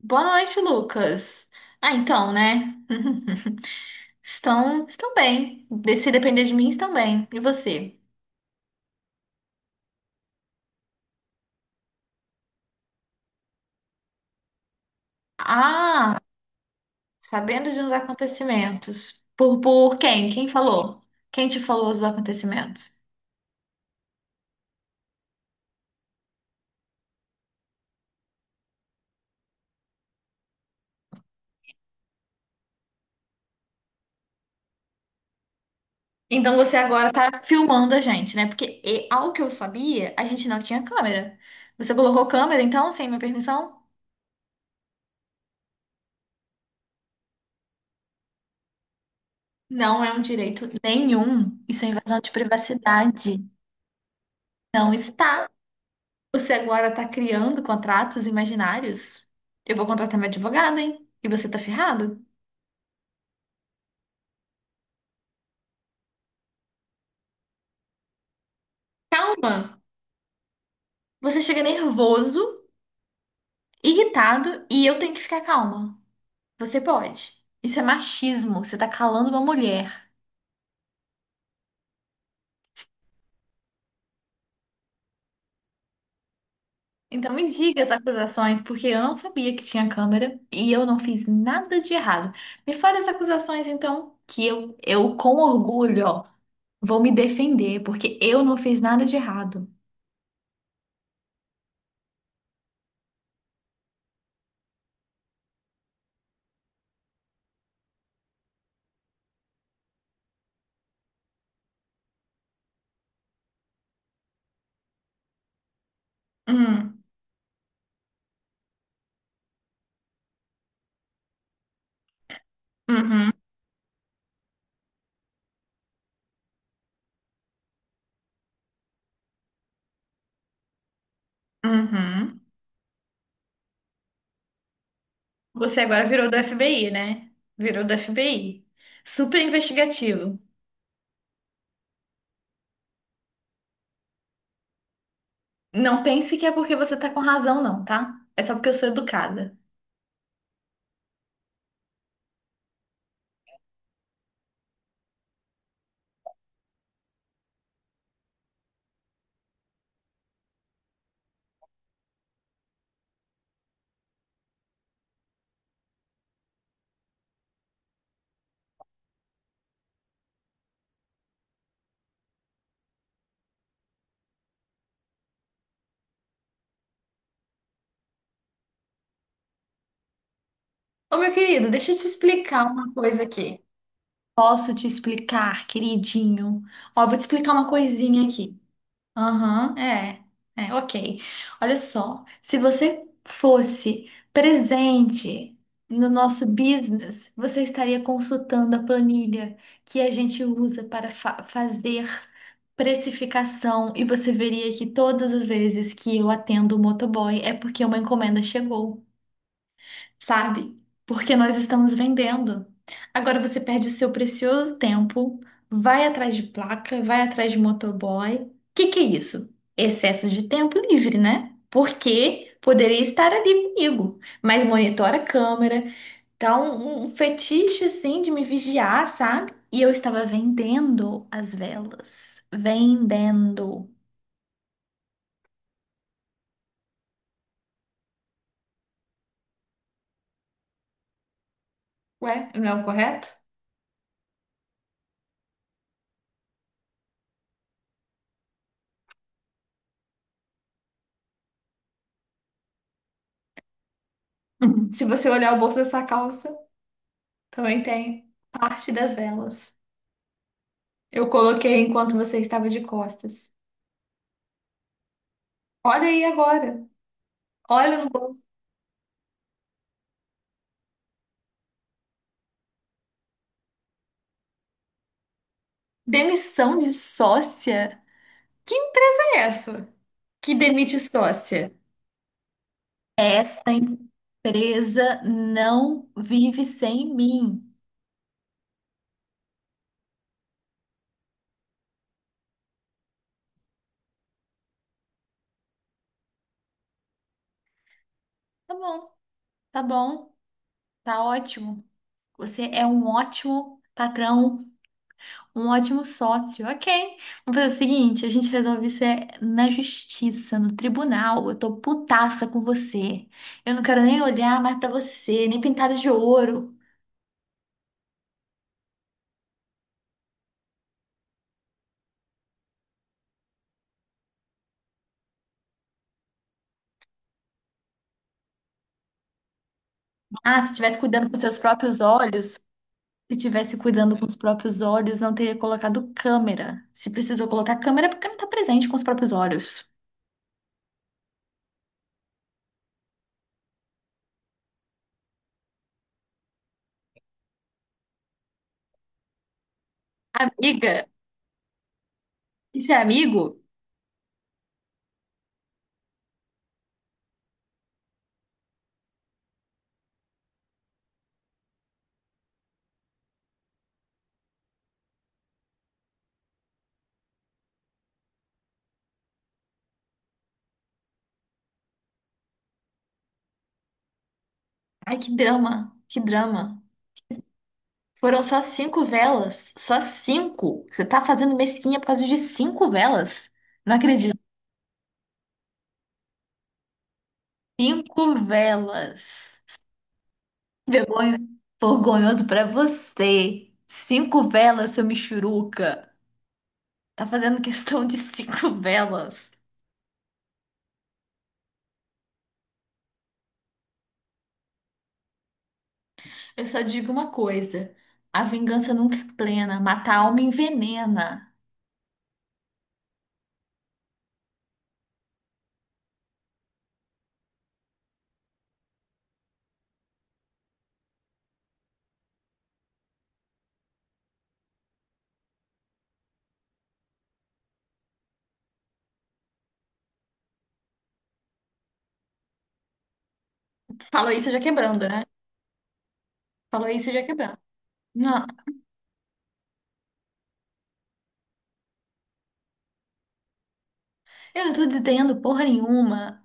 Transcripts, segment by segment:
Boa noite, Lucas. Ah, então, né? Estão bem. Se depender de mim, estão bem. E você? Ah, sabendo de uns acontecimentos. Por quem? Quem falou? Quem te falou os acontecimentos? Então você agora tá filmando a gente, né? Porque, ao que eu sabia, a gente não tinha câmera. Você colocou câmera, então, sem minha permissão? Não é um direito nenhum. Isso é invasão de privacidade. Não está. Você agora está criando contratos imaginários? Eu vou contratar meu advogado, hein? E você tá ferrado? Calma! Você chega nervoso, irritado e eu tenho que ficar calma. Você pode. Isso é machismo. Você tá calando uma mulher. Então me diga as acusações, porque eu não sabia que tinha câmera e eu não fiz nada de errado. Me fale as acusações, então, que eu com orgulho, ó, vou me defender, porque eu não fiz nada de errado. Hum, uhum, uhum. Você agora virou do FBI, né? Virou do FBI. Super investigativo. Não pense que é porque você tá com razão, não, tá? É só porque eu sou educada. Ô, meu querido, deixa eu te explicar uma coisa aqui. Posso te explicar, queridinho? Ó, vou te explicar uma coisinha aqui. Aham, é, é, ok. Olha só, se você fosse presente no nosso business, você estaria consultando a planilha que a gente usa para fazer precificação e você veria que todas as vezes que eu atendo o motoboy é porque uma encomenda chegou, sabe? Porque nós estamos vendendo. Agora você perde o seu precioso tempo, vai atrás de placa, vai atrás de motoboy. O que que é isso? Excesso de tempo livre, né? Porque poderia estar ali comigo, mas monitora a câmera. Então, um fetiche assim de me vigiar, sabe? E eu estava vendendo as velas. Vendendo. Ué, não é o correto? Se você olhar o bolso dessa calça, também tem parte das velas. Eu coloquei enquanto você estava de costas. Olha aí agora. Olha no bolso. Demissão de sócia? Que empresa é essa que demite sócia? Essa empresa não vive sem mim. Tá bom, tá bom, tá ótimo. Você é um ótimo patrão. Um ótimo sócio, ok. Vamos fazer o seguinte, a gente resolve isso é na justiça, no tribunal. Eu tô putaça com você. Eu não quero nem olhar mais pra você, nem pintada de ouro. Ah, se tivesse cuidando com seus próprios olhos, se tivesse cuidando com os próprios olhos, não teria colocado câmera. Se precisou colocar câmera, é porque não tá presente com os próprios olhos. Amiga, isso é amigo? Ai, que drama, que drama. Foram só cinco velas. Só cinco. Você tá fazendo mesquinha por causa de cinco velas? Não acredito. Cinco velas. Vergonha. Vergonhoso pra você. Cinco velas, seu michuruca. Tá fazendo questão de cinco velas. Eu só digo uma coisa. A vingança nunca é plena. Matar a alma envenena. Falou isso já quebrando, né? Falou isso já quebrando. Não, eu não tô dizendo porra nenhuma.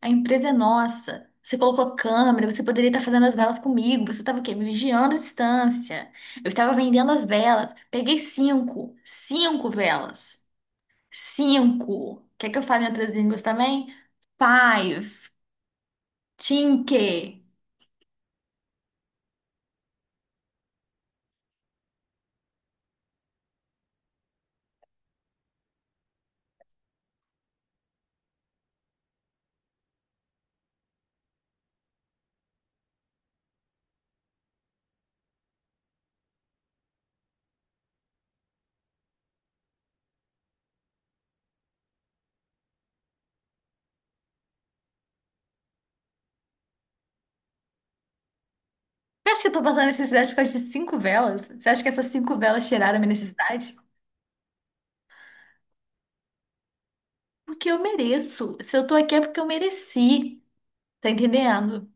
A empresa é nossa. Você colocou câmera, você poderia estar fazendo as velas comigo. Você estava o quê? Me vigiando à distância. Eu estava vendendo as velas. Peguei cinco. Cinco velas. Cinco. Quer que eu fale em outras línguas também? Five. Cinque. Você acha que eu estou passando necessidade por causa de cinco velas? Você acha que essas cinco velas tiraram a minha necessidade? Porque eu mereço. Se eu tô aqui é porque eu mereci. Tá entendendo?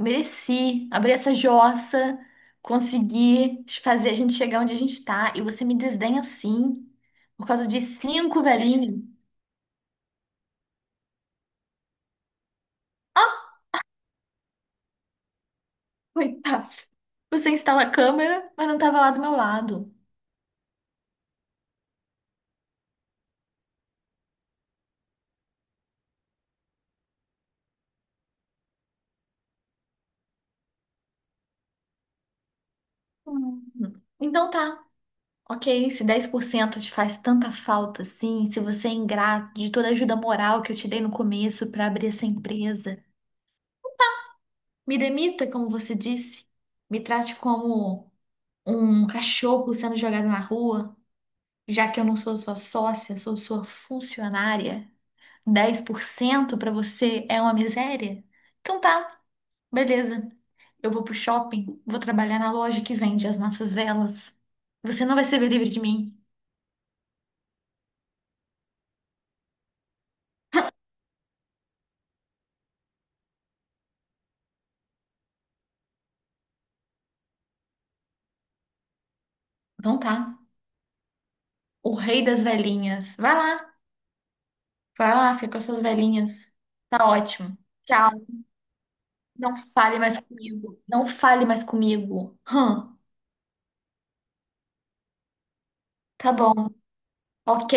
Mereci abrir essa jossa, consegui fazer a gente chegar onde a gente tá, e você me desdenha assim, por causa de cinco velhinhos. Ah, coitado. Você instala a câmera, mas não tava lá do meu lado. Hum. Então tá, ok. Se 10% te faz tanta falta assim, se você é ingrato de toda a ajuda moral que eu te dei no começo pra abrir essa empresa, me demita, como você disse. Me trate como um cachorro sendo jogado na rua, já que eu não sou sua sócia, sou sua funcionária. 10% para você é uma miséria? Então tá, beleza. Eu vou pro shopping, vou trabalhar na loja que vende as nossas velas. Você não vai se ver livre de mim. Então tá. O rei das velhinhas. Vai lá, fica com as suas velhinhas. Tá ótimo. Tchau. Não fale mais comigo. Não fale mais comigo. Tá bom. Ok.